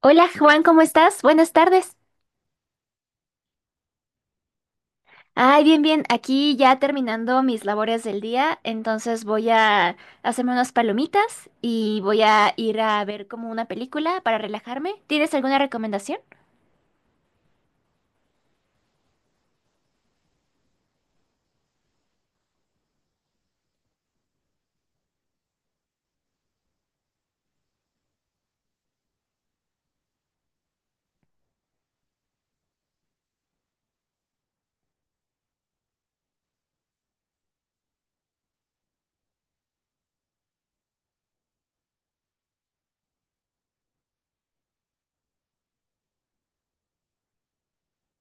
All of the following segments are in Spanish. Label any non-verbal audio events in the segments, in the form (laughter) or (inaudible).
Hola Juan, ¿cómo estás? Buenas tardes. Ay, bien, bien. Aquí ya terminando mis labores del día, entonces voy a hacerme unas palomitas y voy a ir a ver como una película para relajarme. ¿Tienes alguna recomendación?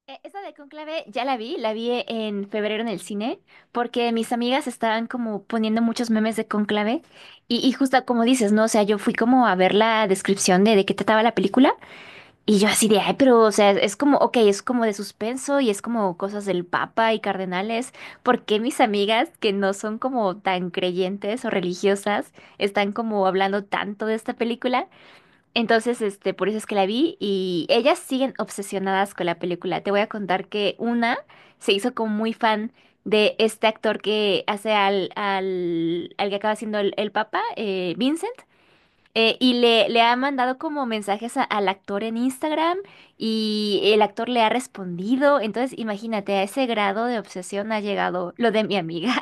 Esa de Conclave ya la vi en febrero en el cine, porque mis amigas estaban como poniendo muchos memes de Conclave y justo como dices, ¿no? O sea, yo fui como a ver la descripción de qué trataba la película. Y yo así de, ay, pero, o sea, es como, ok, es como de suspenso y es como cosas del Papa y cardenales. ¿Por qué mis amigas que no son como tan creyentes o religiosas están como hablando tanto de esta película? Entonces, por eso es que la vi y ellas siguen obsesionadas con la película. Te voy a contar que una se hizo como muy fan de este actor que hace al que acaba siendo el Papa, Vincent. Y le ha mandado como mensajes al actor en Instagram y el actor le ha respondido. Entonces, imagínate, a ese grado de obsesión ha llegado lo de mi amiga.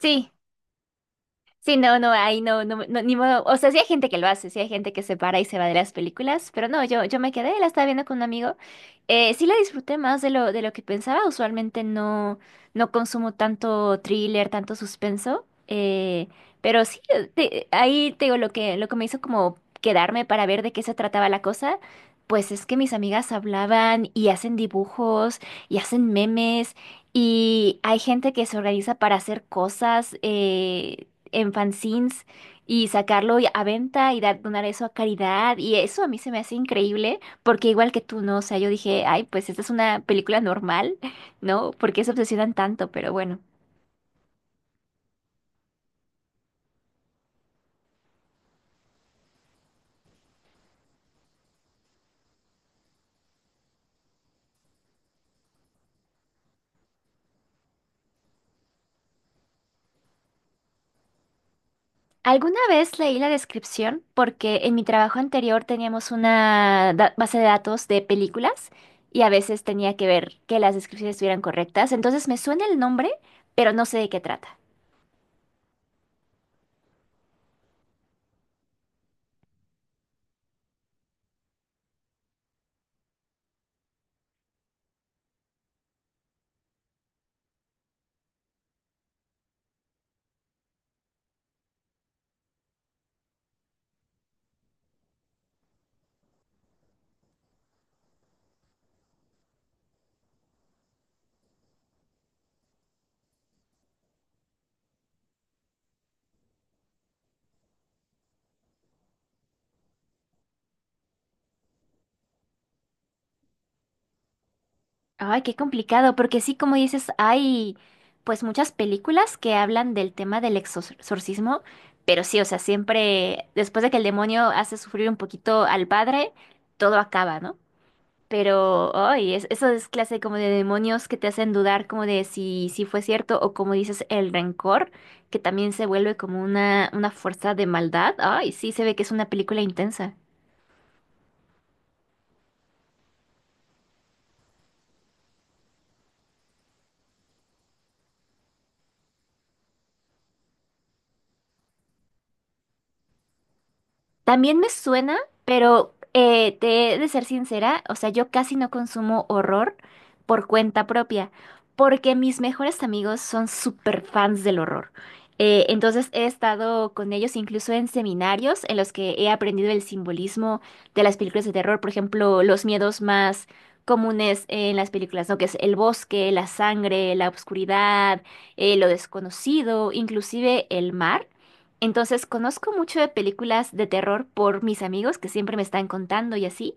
(laughs) Sí, sí, no, no, ahí no, no, no, ni modo. O sea, sí hay gente que lo hace, sí hay gente que se para y se va de las películas, pero no, yo me quedé, la estaba viendo con un amigo. Sí la disfruté más de lo que pensaba. Usualmente no consumo tanto thriller, tanto suspenso. Pero sí, ahí te digo lo que, me hizo como quedarme para ver de qué se trataba la cosa. Pues es que mis amigas hablaban y hacen dibujos y hacen memes. Y hay gente que se organiza para hacer cosas. En fanzines y sacarlo a venta y donar eso a caridad. Y eso a mí se me hace increíble, porque igual que tú, ¿no? O sea, yo dije, ay, pues esta es una película normal, (laughs) ¿no? ¿Por qué se obsesionan tanto? Pero bueno. Alguna vez leí la descripción porque en mi trabajo anterior teníamos una base de datos de películas y a veces tenía que ver que las descripciones estuvieran correctas. Entonces me suena el nombre, pero no sé de qué trata. Ay, qué complicado, porque sí, como dices, hay pues muchas películas que hablan del tema del exorcismo, pero sí, o sea, siempre después de que el demonio hace sufrir un poquito al padre, todo acaba, ¿no? Pero, ay, eso es clase como de demonios que te hacen dudar como de si fue cierto o como dices, el rencor, que también se vuelve como una fuerza de maldad. Ay, sí, se ve que es una película intensa. También me suena, pero te he de ser sincera, o sea, yo casi no consumo horror por cuenta propia, porque mis mejores amigos son súper fans del horror. Entonces he estado con ellos incluso en seminarios en los que he aprendido el simbolismo de las películas de terror, por ejemplo, los miedos más comunes en las películas, ¿no? Que es el bosque, la sangre, la oscuridad, lo desconocido, inclusive el mar. Entonces, conozco mucho de películas de terror por mis amigos que siempre me están contando y así,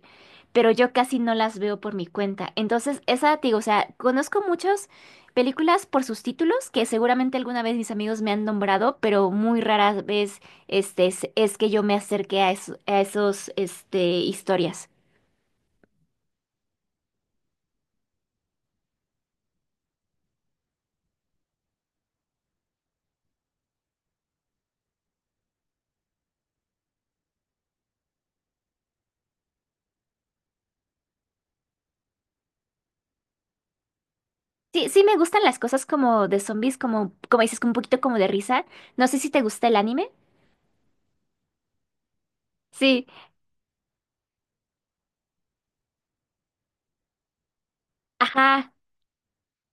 pero yo casi no las veo por mi cuenta. Entonces, esa, te digo, o sea, conozco muchas películas por sus títulos que seguramente alguna vez mis amigos me han nombrado, pero muy rara vez es que yo me acerqué a esos historias. Sí, sí me gustan las cosas como de zombies, como, como dices, con un poquito como de risa. No sé si te gusta el anime. Sí, ajá.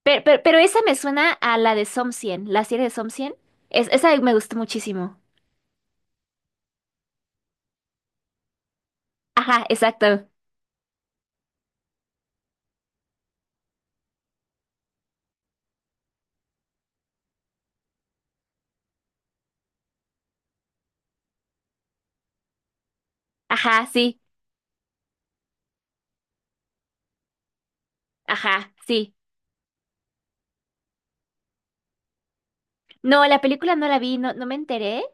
Pero esa me suena a la de Som 100, la serie de Som 100. Es, esa me gustó muchísimo. Ajá, exacto. Ajá, sí. Ajá, sí. No, la película no la vi, no, no me enteré.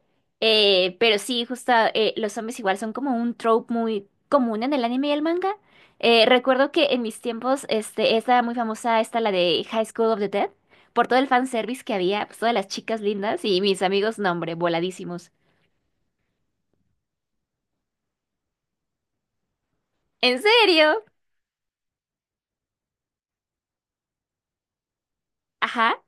Pero sí, justo los zombies igual son como un trope muy común en el anime y el manga. Recuerdo que en mis tiempos estaba muy famosa esta, la de High School of the Dead, por todo el fanservice que había, pues todas las chicas lindas y mis amigos, no, hombre, voladísimos. ¿En serio? Ajá.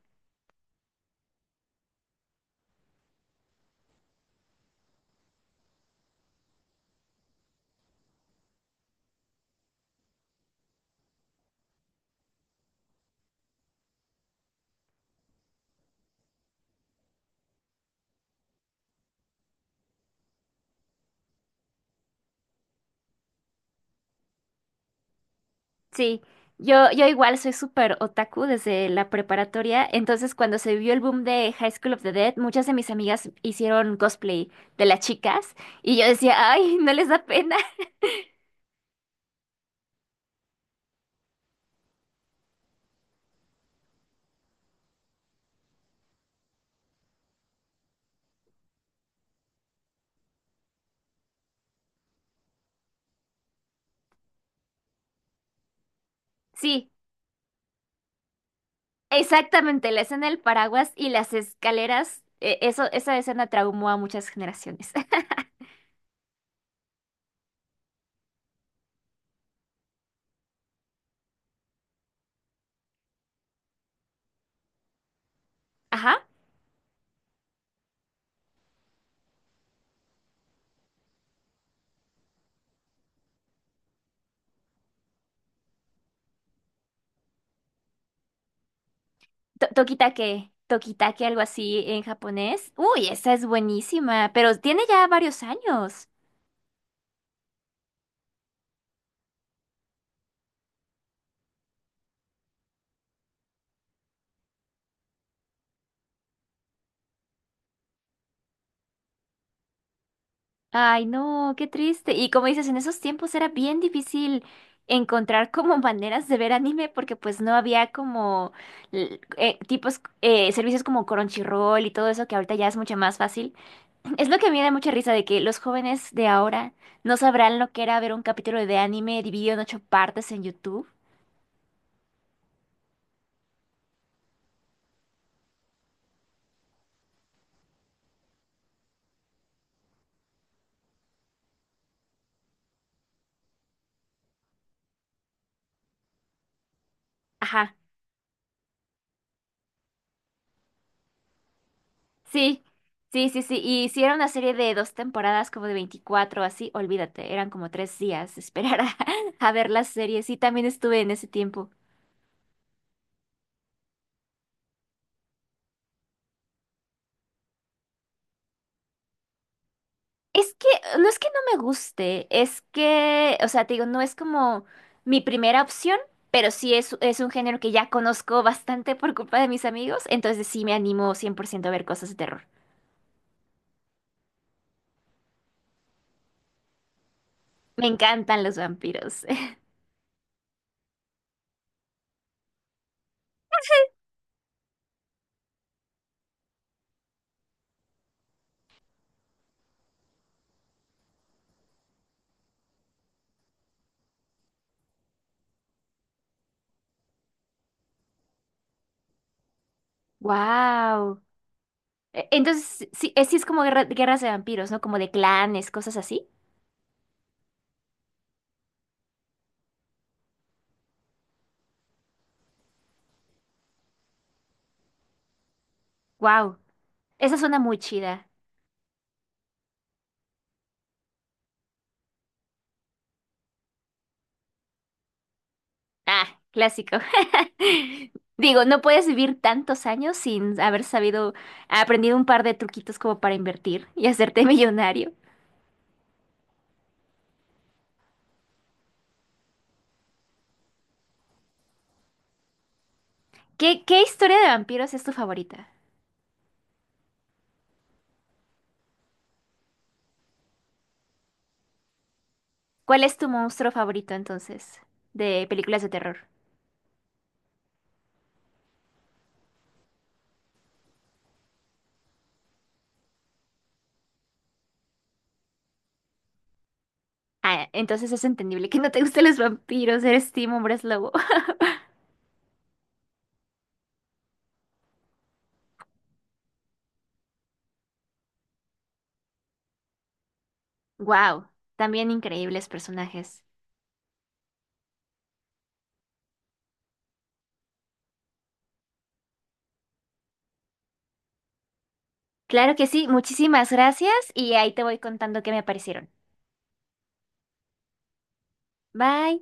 Sí, yo igual soy súper otaku desde la preparatoria, entonces cuando se vio el boom de High School of the Dead, muchas de mis amigas hicieron cosplay de las chicas y yo decía, ay, no les da pena. (laughs) Sí, exactamente, la escena del paraguas y las escaleras, esa escena traumó a muchas generaciones. (laughs) Ajá, Tokitake, algo así en japonés. Uy, esa es buenísima, pero tiene ya varios años. Ay, no, qué triste. Y como dices, en esos tiempos era bien difícil encontrar como (laughs) maneras de ver anime porque pues no había como servicios como Crunchyroll y todo eso que ahorita ya es mucho más fácil. (clears throat) Es lo que a mí me da mucha risa de que los jóvenes de ahora no sabrán lo que era ver un capítulo de anime dividido en ocho partes en YouTube. Ajá. Sí, sí, sí, sí. Y si era una serie de dos temporadas, como de 24, así, olvídate, eran como tres días esperar a, (laughs) a ver las series. Y también estuve en ese tiempo. Es que, no es que no me guste, es que, o sea, te digo, no es como mi primera opción, pero sí es un género que ya conozco bastante por culpa de mis amigos, entonces sí me animo 100% a ver cosas de terror. Me encantan los vampiros. (laughs) Wow. Entonces, sí es como guerras de vampiros, ¿no? Como de clanes, cosas así. Wow, esa suena muy chida. Ah, clásico. (laughs) Digo, no puedes vivir tantos años sin haber sabido, aprendido un par de truquitos como para invertir y hacerte (laughs) millonario. ¿Qué, qué historia de vampiros es tu favorita? ¿Cuál es tu monstruo favorito entonces de películas de terror? Ah, entonces es entendible que no te gusten los vampiros, eres Team Hombres Lobo. (laughs) Wow, también increíbles personajes. Claro que sí, muchísimas gracias y ahí te voy contando qué me parecieron. Bye.